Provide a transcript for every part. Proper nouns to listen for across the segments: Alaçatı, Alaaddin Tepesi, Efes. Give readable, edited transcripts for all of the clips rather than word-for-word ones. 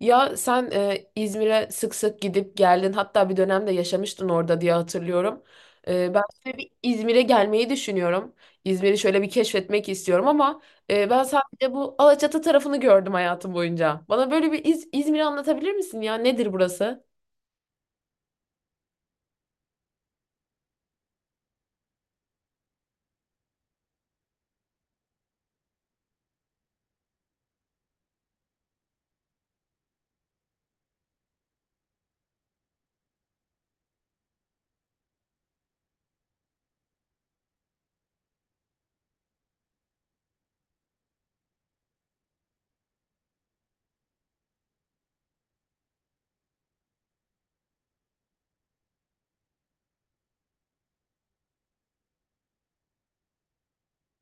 Ya sen İzmir'e sık sık gidip geldin. Hatta bir dönemde yaşamıştın orada diye hatırlıyorum. Ben şöyle bir İzmir'e gelmeyi düşünüyorum. İzmir'i şöyle bir keşfetmek istiyorum ama ben sadece bu Alaçatı tarafını gördüm hayatım boyunca. Bana böyle bir İzmir'i anlatabilir misin ya? Nedir burası?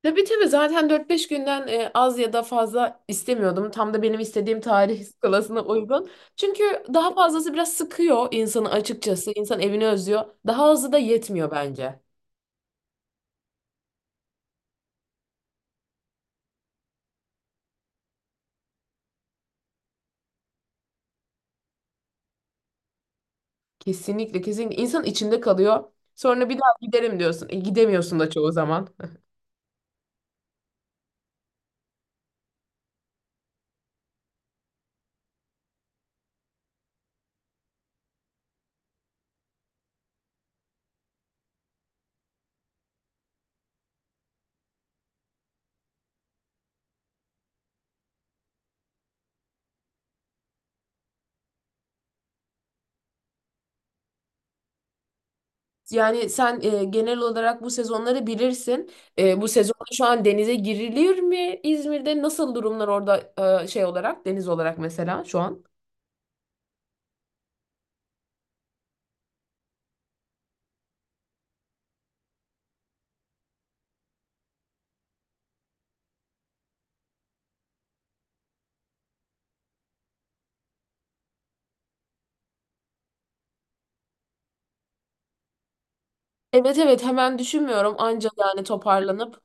Tabii tabii zaten dört beş günden az ya da fazla istemiyordum. Tam da benim istediğim tarih skalasına uygun. Çünkü daha fazlası biraz sıkıyor insanı açıkçası. İnsan evini özlüyor. Daha azı da yetmiyor bence. Kesinlikle kesinlikle insan içinde kalıyor. Sonra bir daha giderim diyorsun. Gidemiyorsun da çoğu zaman. Yani sen genel olarak bu sezonları bilirsin. Bu sezonda şu an denize girilir mi İzmir'de? Nasıl durumlar orada şey olarak deniz olarak mesela şu an? Evet evet hemen düşünmüyorum anca yani toparlanıp.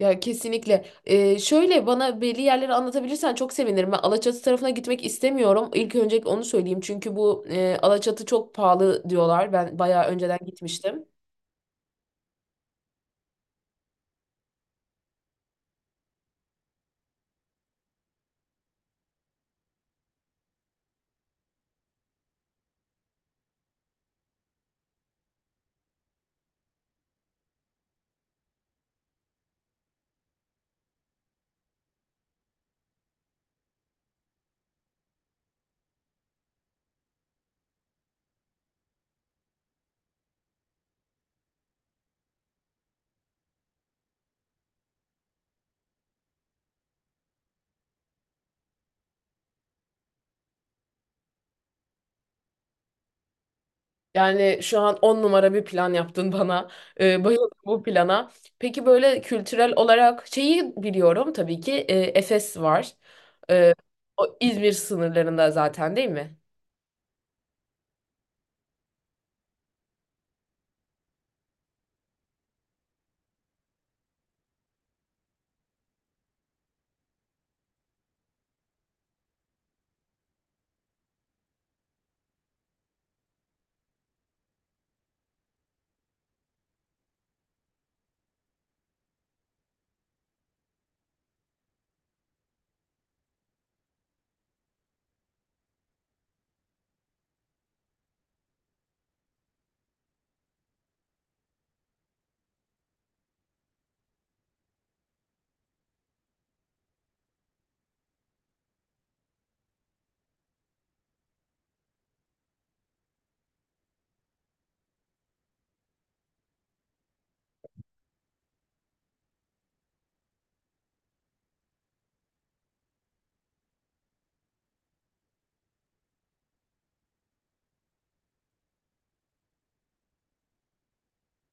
Ya kesinlikle. Şöyle bana belli yerleri anlatabilirsen çok sevinirim. Ben Alaçatı tarafına gitmek istemiyorum. İlk önce onu söyleyeyim. Çünkü bu Alaçatı çok pahalı diyorlar. Ben bayağı önceden gitmiştim. Yani şu an on numara bir plan yaptın bana. Bayıldım bu plana. Peki böyle kültürel olarak şeyi biliyorum tabii ki Efes var. Ee, O İzmir sınırlarında zaten değil mi?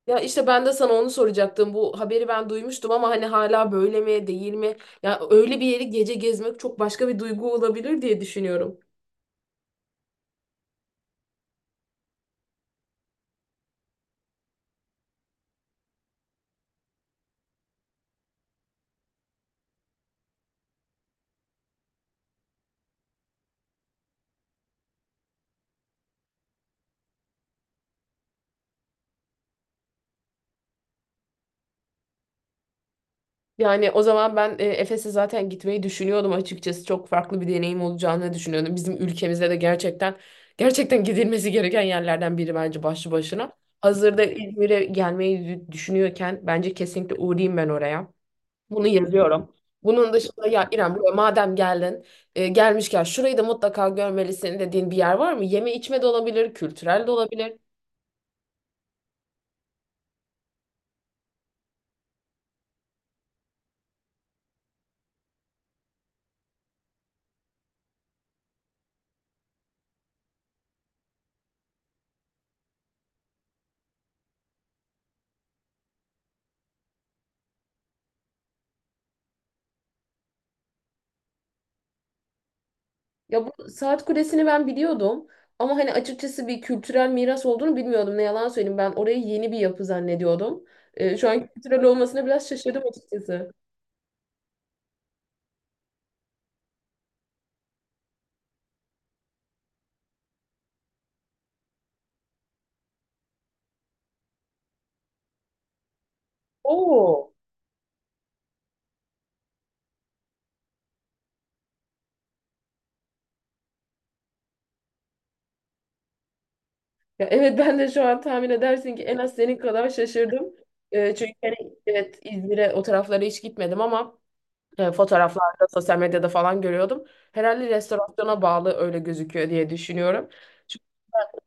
Ya işte ben de sana onu soracaktım. Bu haberi ben duymuştum ama hani hala böyle mi değil mi? Ya öyle bir yeri gece gezmek çok başka bir duygu olabilir diye düşünüyorum. Yani o zaman ben Efes'e zaten gitmeyi düşünüyordum açıkçası. Çok farklı bir deneyim olacağını düşünüyordum. Bizim ülkemizde de gerçekten gerçekten gidilmesi gereken yerlerden biri bence başlı başına. Hazırda İzmir'e gelmeyi düşünüyorken bence kesinlikle uğrayayım ben oraya. Bunu yazıyorum. Bunun dışında ya İrem buraya madem geldin gelmişken şurayı da mutlaka görmelisin dediğin bir yer var mı? Yeme içme de olabilir, kültürel de olabilir. Ya bu saat kulesini ben biliyordum ama hani açıkçası bir kültürel miras olduğunu bilmiyordum. Ne yalan söyleyeyim ben orayı yeni bir yapı zannediyordum. Şu an kültürel olmasına biraz şaşırdım açıkçası. Oo. Ya evet ben de şu an tahmin edersin ki en az senin kadar şaşırdım. Çünkü hani evet İzmir'e o taraflara hiç gitmedim ama fotoğraflarda, sosyal medyada falan görüyordum. Herhalde restorasyona bağlı öyle gözüküyor diye düşünüyorum.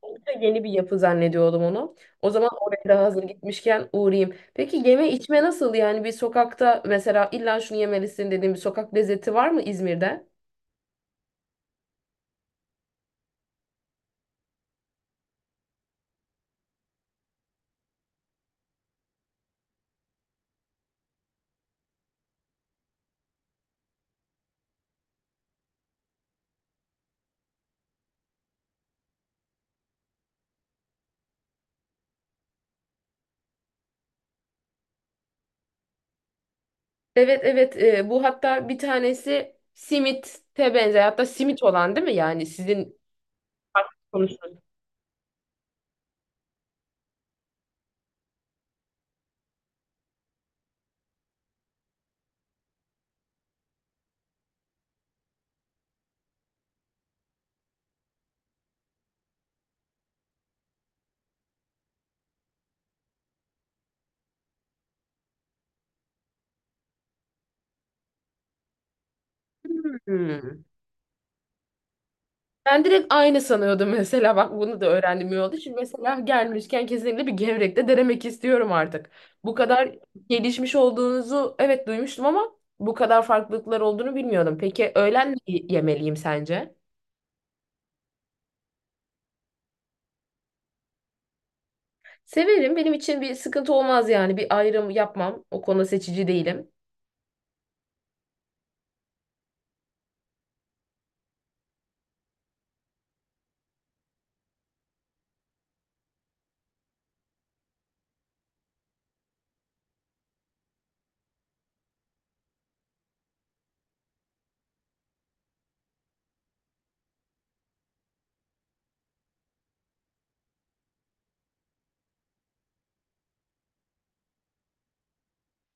Oldukça yeni bir yapı zannediyordum onu. O zaman oraya da hazır gitmişken uğrayayım. Peki yeme içme nasıl? Yani bir sokakta mesela illa şunu yemelisin dediğim bir sokak lezzeti var mı İzmir'de? Evet evet bu hatta bir tanesi simite benzer hatta simit olan değil mi? Yani sizin konuştuğunuz. Hmm. Ben direkt aynı sanıyordum mesela bak bunu da öğrendim iyi oldu. Şimdi mesela gelmişken kesinlikle bir gevrek de denemek istiyorum artık. Bu kadar gelişmiş olduğunuzu evet duymuştum ama bu kadar farklılıklar olduğunu bilmiyordum. Peki öğlen ne yemeliyim sence? Severim benim için bir sıkıntı olmaz yani bir ayrım yapmam o konuda seçici değilim.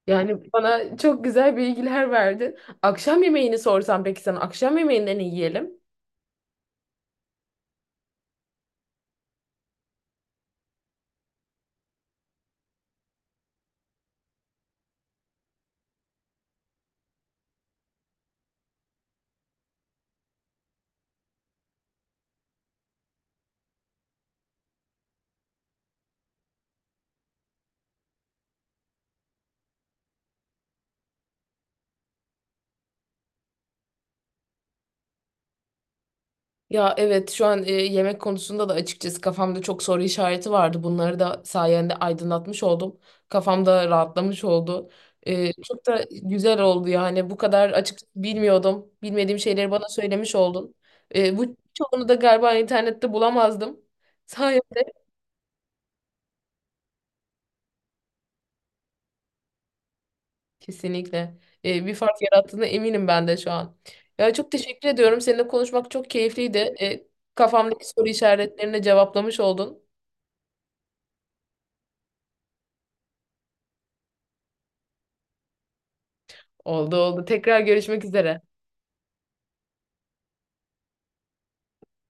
Yani bana çok güzel bilgiler verdin. Akşam yemeğini sorsam peki sana akşam yemeğinde ne yiyelim? Ya evet şu an yemek konusunda da açıkçası kafamda çok soru işareti vardı. Bunları da sayende aydınlatmış oldum. Kafamda rahatlamış oldu. Çok da güzel oldu yani bu kadar açıkçası bilmiyordum. Bilmediğim şeyleri bana söylemiş oldun. Bu çoğunu da galiba internette bulamazdım. Sayende kesinlikle bir fark yarattığına eminim ben de şu an. Ya çok teşekkür ediyorum. Seninle konuşmak çok keyifliydi. Kafamdaki soru işaretlerini cevaplamış oldun. Oldu oldu. Tekrar görüşmek üzere.